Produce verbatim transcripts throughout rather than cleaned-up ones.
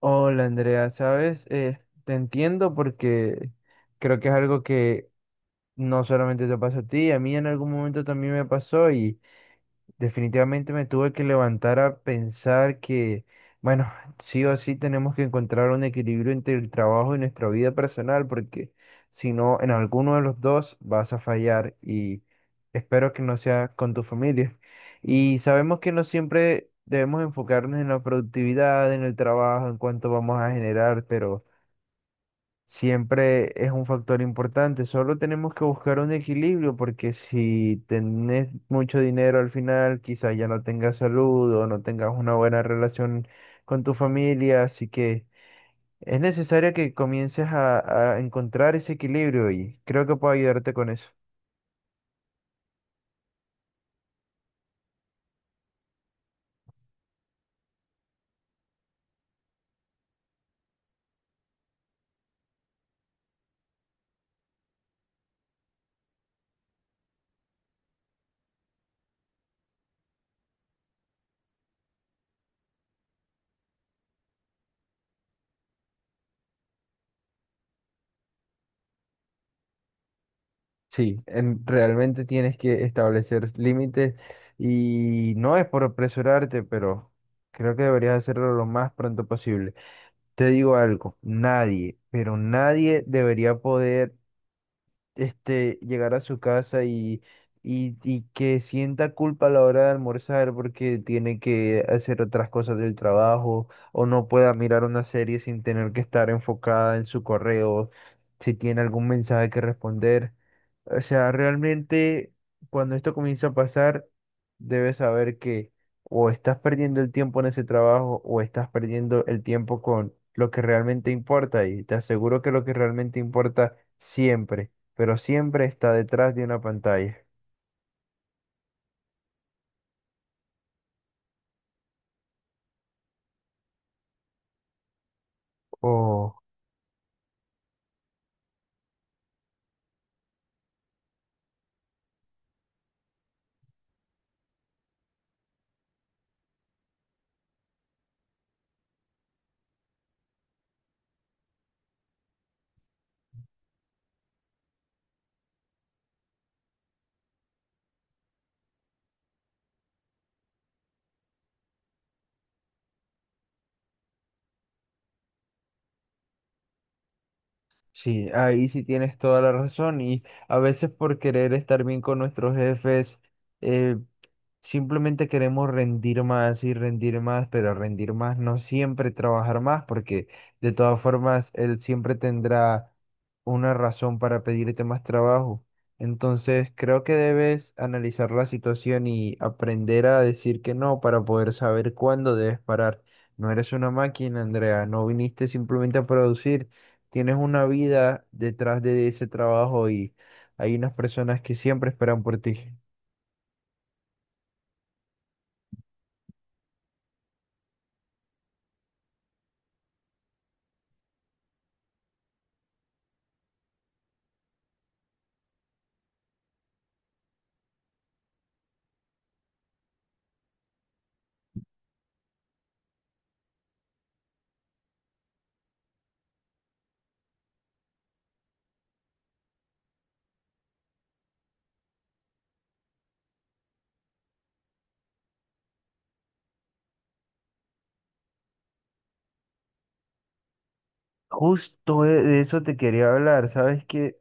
Hola Andrea, ¿sabes? Eh, te entiendo porque creo que es algo que no solamente te pasa a ti, a mí en algún momento también me pasó y, Definitivamente me tuve que levantar a pensar que, bueno, sí o sí tenemos que encontrar un equilibrio entre el trabajo y nuestra vida personal, porque si no, en alguno de los dos vas a fallar y espero que no sea con tu familia. Y sabemos que no siempre debemos enfocarnos en la productividad, en el trabajo, en cuánto vamos a generar, pero siempre es un factor importante. Solo tenemos que buscar un equilibrio porque si tenés mucho dinero al final, quizás ya no tengas salud o no tengas una buena relación con tu familia. Así que es necesario que comiences a, a encontrar ese equilibrio y creo que puedo ayudarte con eso. Sí, en- realmente tienes que establecer límites y no es por apresurarte, pero creo que deberías hacerlo lo más pronto posible. Te digo algo, nadie, pero nadie debería poder este, llegar a su casa y, y, y que sienta culpa a la hora de almorzar porque tiene que hacer otras cosas del trabajo o no pueda mirar una serie sin tener que estar enfocada en su correo, si tiene algún mensaje que responder. O sea, realmente cuando esto comienza a pasar, debes saber que o estás perdiendo el tiempo en ese trabajo o estás perdiendo el tiempo con lo que realmente importa. Y te aseguro que lo que realmente importa siempre pero siempre está detrás de una pantalla. Oh, sí, ahí sí tienes toda la razón y a veces por querer estar bien con nuestros jefes, eh, simplemente queremos rendir más y rendir más, pero rendir más no siempre trabajar más, porque de todas formas él siempre tendrá una razón para pedirte más trabajo. Entonces creo que debes analizar la situación y aprender a decir que no para poder saber cuándo debes parar. No eres una máquina, Andrea, no viniste simplemente a producir, tienes una vida detrás de ese trabajo y hay unas personas que siempre esperan por ti. Justo de de eso te quería hablar, ¿sabes qué?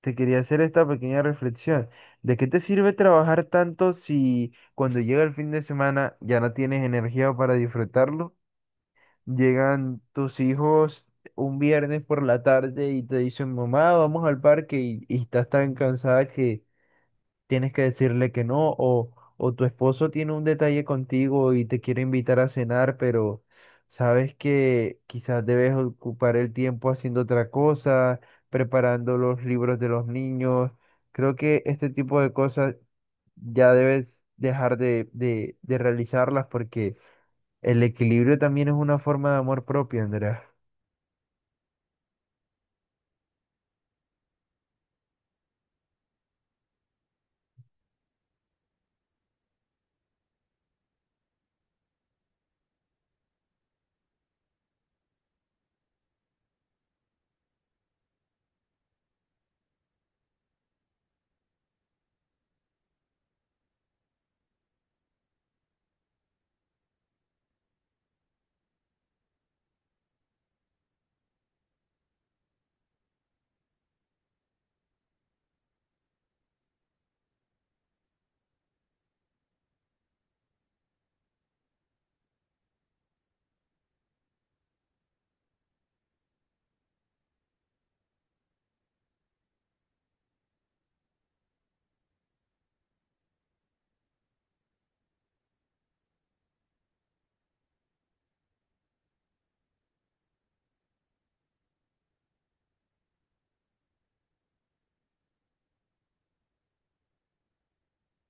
Te quería hacer esta pequeña reflexión. ¿De qué te sirve trabajar tanto si cuando llega el fin de semana ya no tienes energía para disfrutarlo? Llegan tus hijos un viernes por la tarde y te dicen, mamá, vamos al parque y, y estás tan cansada tienes que decirle que no, o, o tu esposo tiene un detalle contigo y te quiere invitar a cenar, pero sabes que quizás debes ocupar el tiempo haciendo otra cosa, preparando los libros de los niños. Creo que este tipo de cosas ya debes dejar de, de, de realizarlas porque el equilibrio también es una forma de amor propio, Andrea.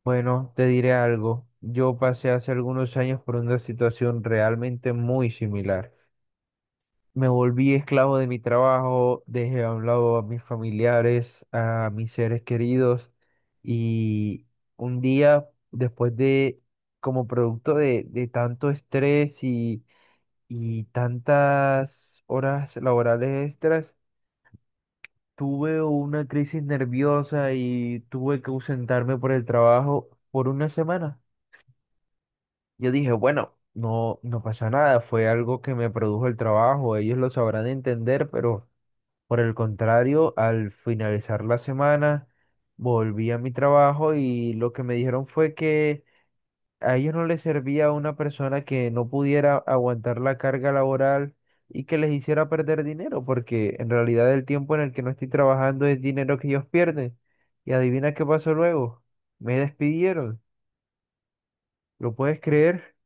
Bueno, te diré algo. Yo pasé hace algunos años por una situación realmente muy similar. Me volví esclavo de mi trabajo, dejé a un lado a mis familiares, a mis seres queridos y un día después de, como producto de, de tanto estrés y, y tantas horas laborales extras, tuve una crisis nerviosa y tuve que ausentarme por el trabajo por una semana. Yo dije, bueno, no, no pasa nada, fue algo que me produjo el trabajo, ellos lo sabrán entender, pero... Por el contrario, al finalizar la semana, volví a mi trabajo y lo que me dijeron fue que a ellos no les servía a una persona que no pudiera aguantar la carga laboral y que les hiciera perder dinero, porque en realidad el tiempo en el que no estoy trabajando es dinero que ellos pierden. Y adivina qué pasó luego. Me despidieron. ¿Lo puedes creer?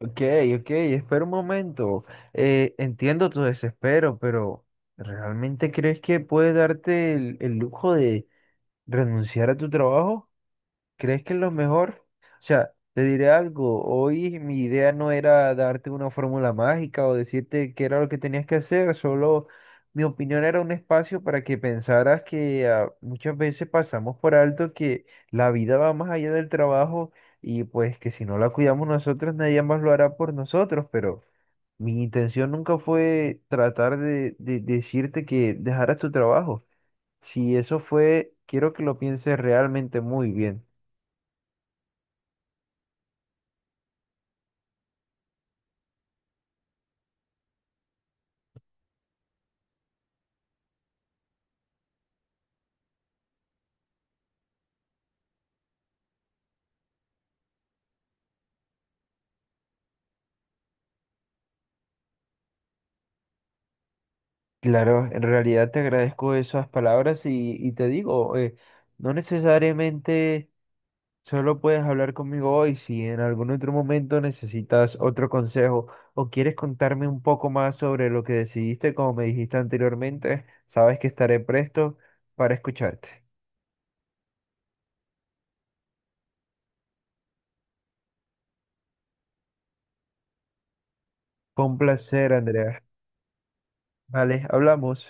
Ok, ok, espera un momento. Eh, entiendo tu desespero, pero ¿realmente crees que puedes darte el, el lujo de renunciar a tu trabajo? ¿Crees que es lo mejor? O sea, te diré algo. Hoy mi idea no era darte una fórmula mágica o decirte qué era lo que tenías que hacer, solo mi opinión era un espacio para que pensaras que ah, muchas veces pasamos por alto que la vida va más allá del trabajo y pues que si no la cuidamos nosotros, nadie más lo hará por nosotros, pero... Mi intención nunca fue tratar de, de decirte que dejaras tu trabajo. Si eso fue, quiero que lo pienses realmente muy bien. Claro, en realidad te agradezco esas palabras y, y te digo, eh, no necesariamente solo puedes hablar conmigo hoy, si en algún otro momento necesitas otro consejo o quieres contarme un poco más sobre lo que decidiste, como me dijiste anteriormente, sabes que estaré presto para escucharte. Fue un placer, Andrea. Vale, hablamos.